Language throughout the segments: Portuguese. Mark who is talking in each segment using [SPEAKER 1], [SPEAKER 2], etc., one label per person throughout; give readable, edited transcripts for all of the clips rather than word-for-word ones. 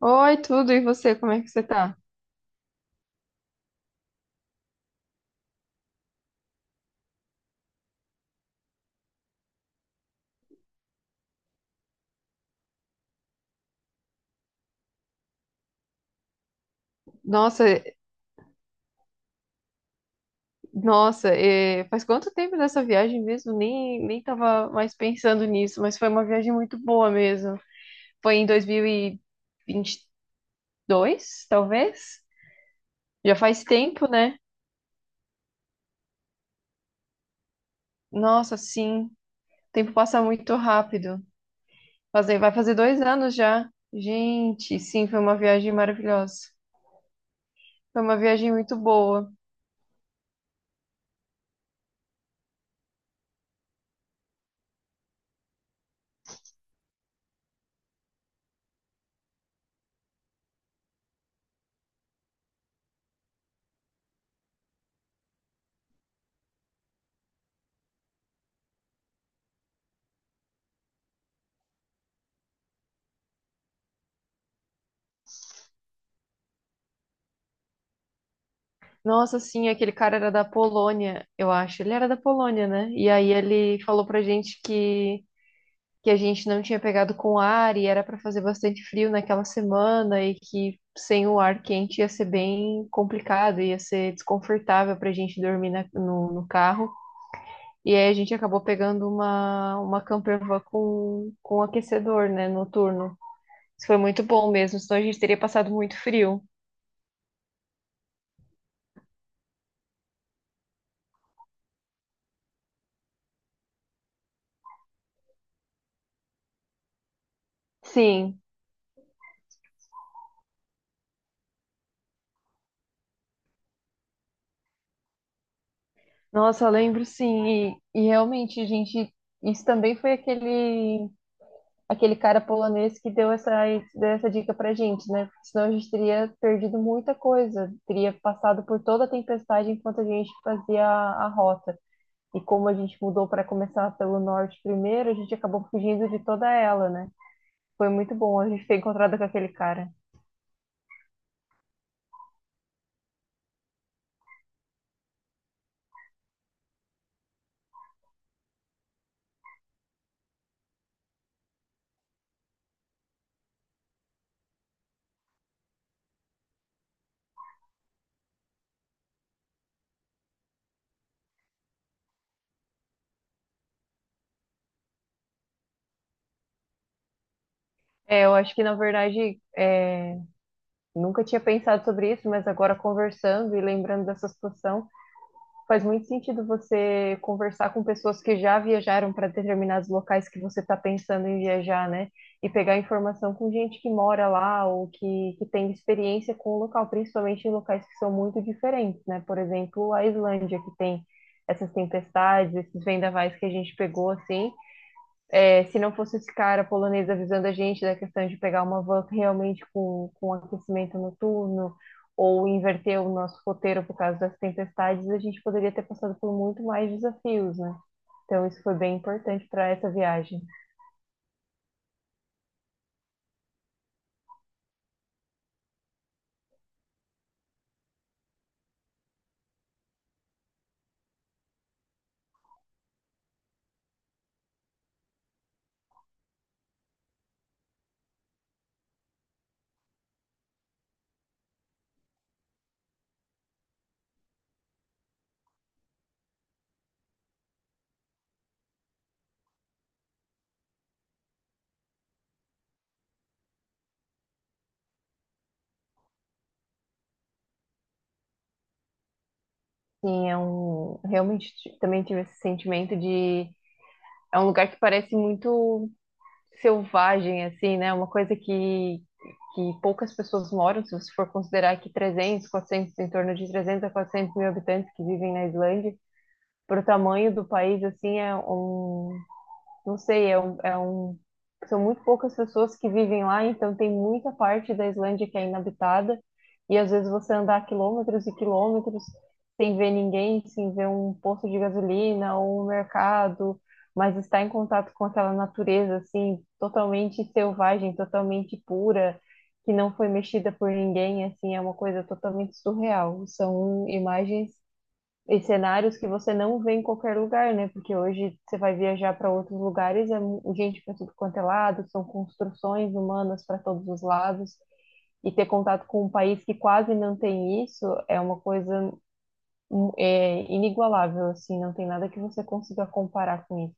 [SPEAKER 1] Oi, tudo, e você, como é que você tá? Nossa, eh, nossa, faz quanto tempo dessa viagem mesmo? Nem tava mais pensando nisso, mas foi uma viagem muito boa mesmo. Foi em dois mil e vinte e dois talvez? Já faz tempo, né? Nossa, sim, o tempo passa muito rápido. Fazer, vai fazer 2 anos já. Gente, sim, foi uma viagem maravilhosa. Foi uma viagem muito boa. Nossa, sim, aquele cara era da Polônia, eu acho. Ele era da Polônia, né? E aí ele falou pra gente que a gente não tinha pegado com ar e era pra fazer bastante frio naquela semana e que sem o ar quente ia ser bem complicado, ia ser desconfortável pra gente dormir no carro. E aí a gente acabou pegando uma camper van com aquecedor, né, noturno. Isso foi muito bom mesmo, senão a gente teria passado muito frio. Sim. Nossa, eu lembro sim, e realmente, gente, isso também foi aquele cara polonês que deu essa dica pra gente, né? Porque senão a gente teria perdido muita coisa, teria passado por toda a tempestade enquanto a gente fazia a rota. E como a gente mudou para começar pelo norte primeiro, a gente acabou fugindo de toda ela, né? Foi muito bom a gente ter encontrado com aquele cara. É, eu acho que na verdade é, nunca tinha pensado sobre isso, mas agora conversando e lembrando dessa situação. Faz muito sentido você conversar com pessoas que já viajaram para determinados locais que você está pensando em viajar, né? E pegar informação com gente que mora lá ou que tem experiência com o local, principalmente em locais que são muito diferentes, né? Por exemplo, a Islândia, que tem essas tempestades, esses vendavais que a gente pegou, assim, é, se não fosse esse cara polonês avisando a gente da questão de pegar uma van realmente com aquecimento noturno ou inverter o nosso roteiro por causa das tempestades, a gente poderia ter passado por muito mais desafios, né? Então isso foi bem importante para essa viagem. Sim, é um realmente também tive esse sentimento de é um lugar que parece muito selvagem, assim, né? Uma coisa que poucas pessoas moram, se você for considerar que 300 400 em torno de 300 a 400 mil habitantes que vivem na Islândia, para o tamanho do país, assim, não sei, são muito poucas pessoas que vivem lá, então tem muita parte da Islândia que é inabitada, e às vezes você andar quilômetros e quilômetros sem ver ninguém, sem ver um posto de gasolina ou um mercado, mas estar em contato com aquela natureza, assim, totalmente selvagem, totalmente pura, que não foi mexida por ninguém, assim, é uma coisa totalmente surreal. São imagens e cenários que você não vê em qualquer lugar, né? Porque hoje você vai viajar para outros lugares, é gente para tudo quanto é lado, são construções humanas para todos os lados, e ter contato com um país que quase não tem isso é uma coisa é, inigualável, assim, não tem nada que você consiga comparar com isso.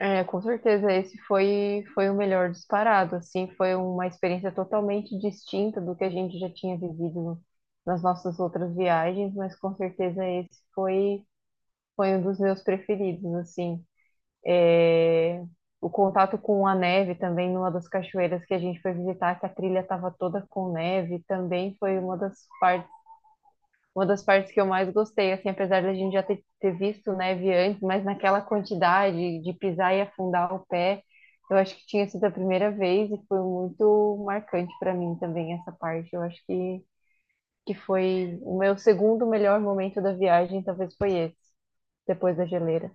[SPEAKER 1] É, com certeza, esse foi, foi o melhor disparado, assim, foi uma experiência totalmente distinta do que a gente já tinha vivido nas nossas outras viagens, mas com certeza esse foi foi um dos meus preferidos, assim. É, o contato com a neve também, numa das cachoeiras que a gente foi visitar, que a trilha estava toda com neve, também foi partes, uma das partes que eu mais gostei, assim, apesar da gente já ter, ter visto neve antes, mas naquela quantidade de pisar e afundar o pé, eu acho que tinha sido a primeira vez e foi muito marcante para mim também essa parte. Eu acho que foi o meu segundo melhor momento da viagem, talvez foi esse, depois da geleira.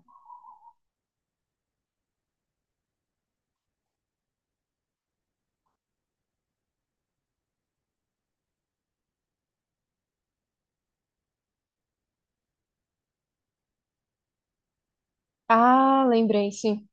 [SPEAKER 1] Ah, lembrei, sim.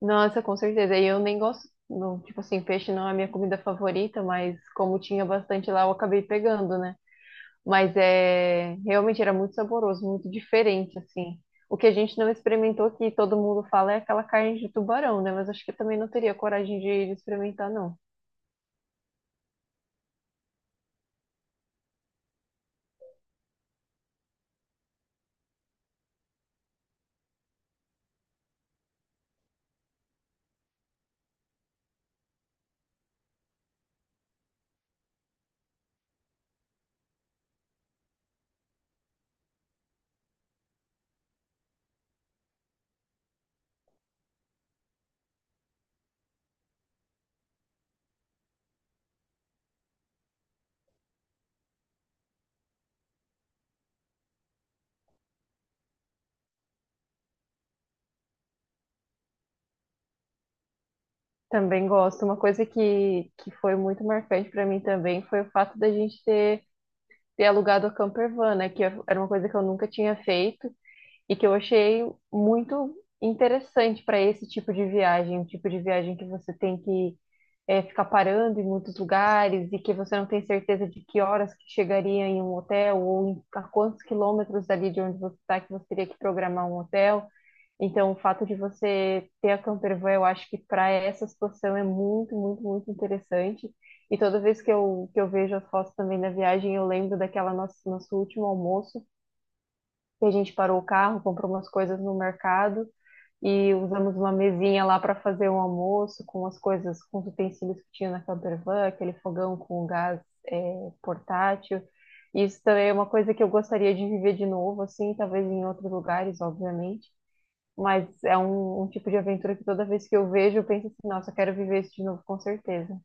[SPEAKER 1] Nossa, com certeza. E eu nem gosto, não, tipo assim, peixe não é a minha comida favorita, mas como tinha bastante lá, eu acabei pegando, né? Mas é, realmente era muito saboroso, muito diferente, assim. O que a gente não experimentou, que todo mundo fala, é aquela carne de tubarão, né? Mas acho que eu também não teria coragem de experimentar, não. Também gosto. Uma coisa que foi muito marcante para mim também foi o fato da gente ter, ter alugado a campervan, né? Que era uma coisa que eu nunca tinha feito. E que eu achei muito interessante para esse tipo de viagem, um tipo de viagem que você tem que ficar parando em muitos lugares e que você não tem certeza de que horas que chegaria em um hotel ou a quantos quilômetros dali de onde você está que você teria que programar um hotel. Então, o fato de você ter a campervan, eu acho que para essa situação é muito, muito, muito interessante. E toda vez que eu vejo as fotos também da viagem, eu lembro daquela nosso último almoço, e a gente parou o carro, comprou umas coisas no mercado e usamos uma mesinha lá para fazer um almoço com as coisas, com os utensílios que tinha na campervan, aquele fogão com gás portátil. Isso também é uma coisa que eu gostaria de viver de novo, assim, talvez em outros lugares, obviamente. Mas é um, um tipo de aventura que toda vez que eu vejo, eu penso assim, nossa, eu quero viver isso de novo, com certeza.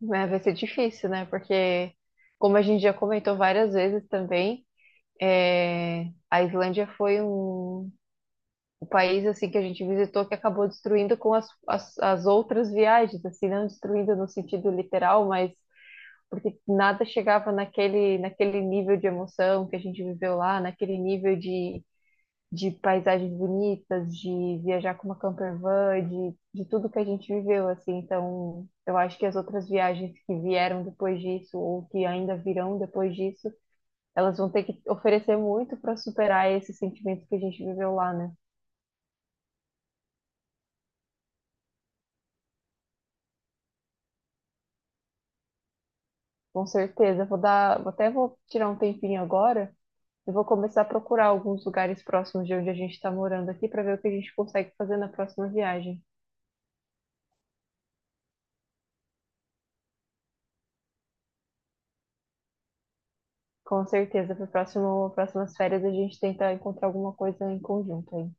[SPEAKER 1] Mas vai ser difícil, né? Porque, como a gente já comentou várias vezes também, é, a Islândia foi um, o país assim que a gente visitou que acabou destruindo com as outras viagens, assim, não destruindo no sentido literal, mas porque nada chegava naquele nível de emoção que a gente viveu lá, naquele nível de paisagens bonitas, de viajar com uma camper van, de tudo que a gente viveu, assim. Então, eu acho que as outras viagens que vieram depois disso, ou que ainda virão depois disso, elas vão ter que oferecer muito para superar esse sentimento que a gente viveu lá, né? Com certeza. Até vou tirar um tempinho agora e vou começar a procurar alguns lugares próximos de onde a gente está morando aqui para ver o que a gente consegue fazer na próxima viagem. Com certeza, para próximas férias a gente tenta encontrar alguma coisa em conjunto aí.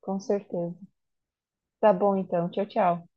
[SPEAKER 1] Com certeza. Tá bom então. Tchau, tchau.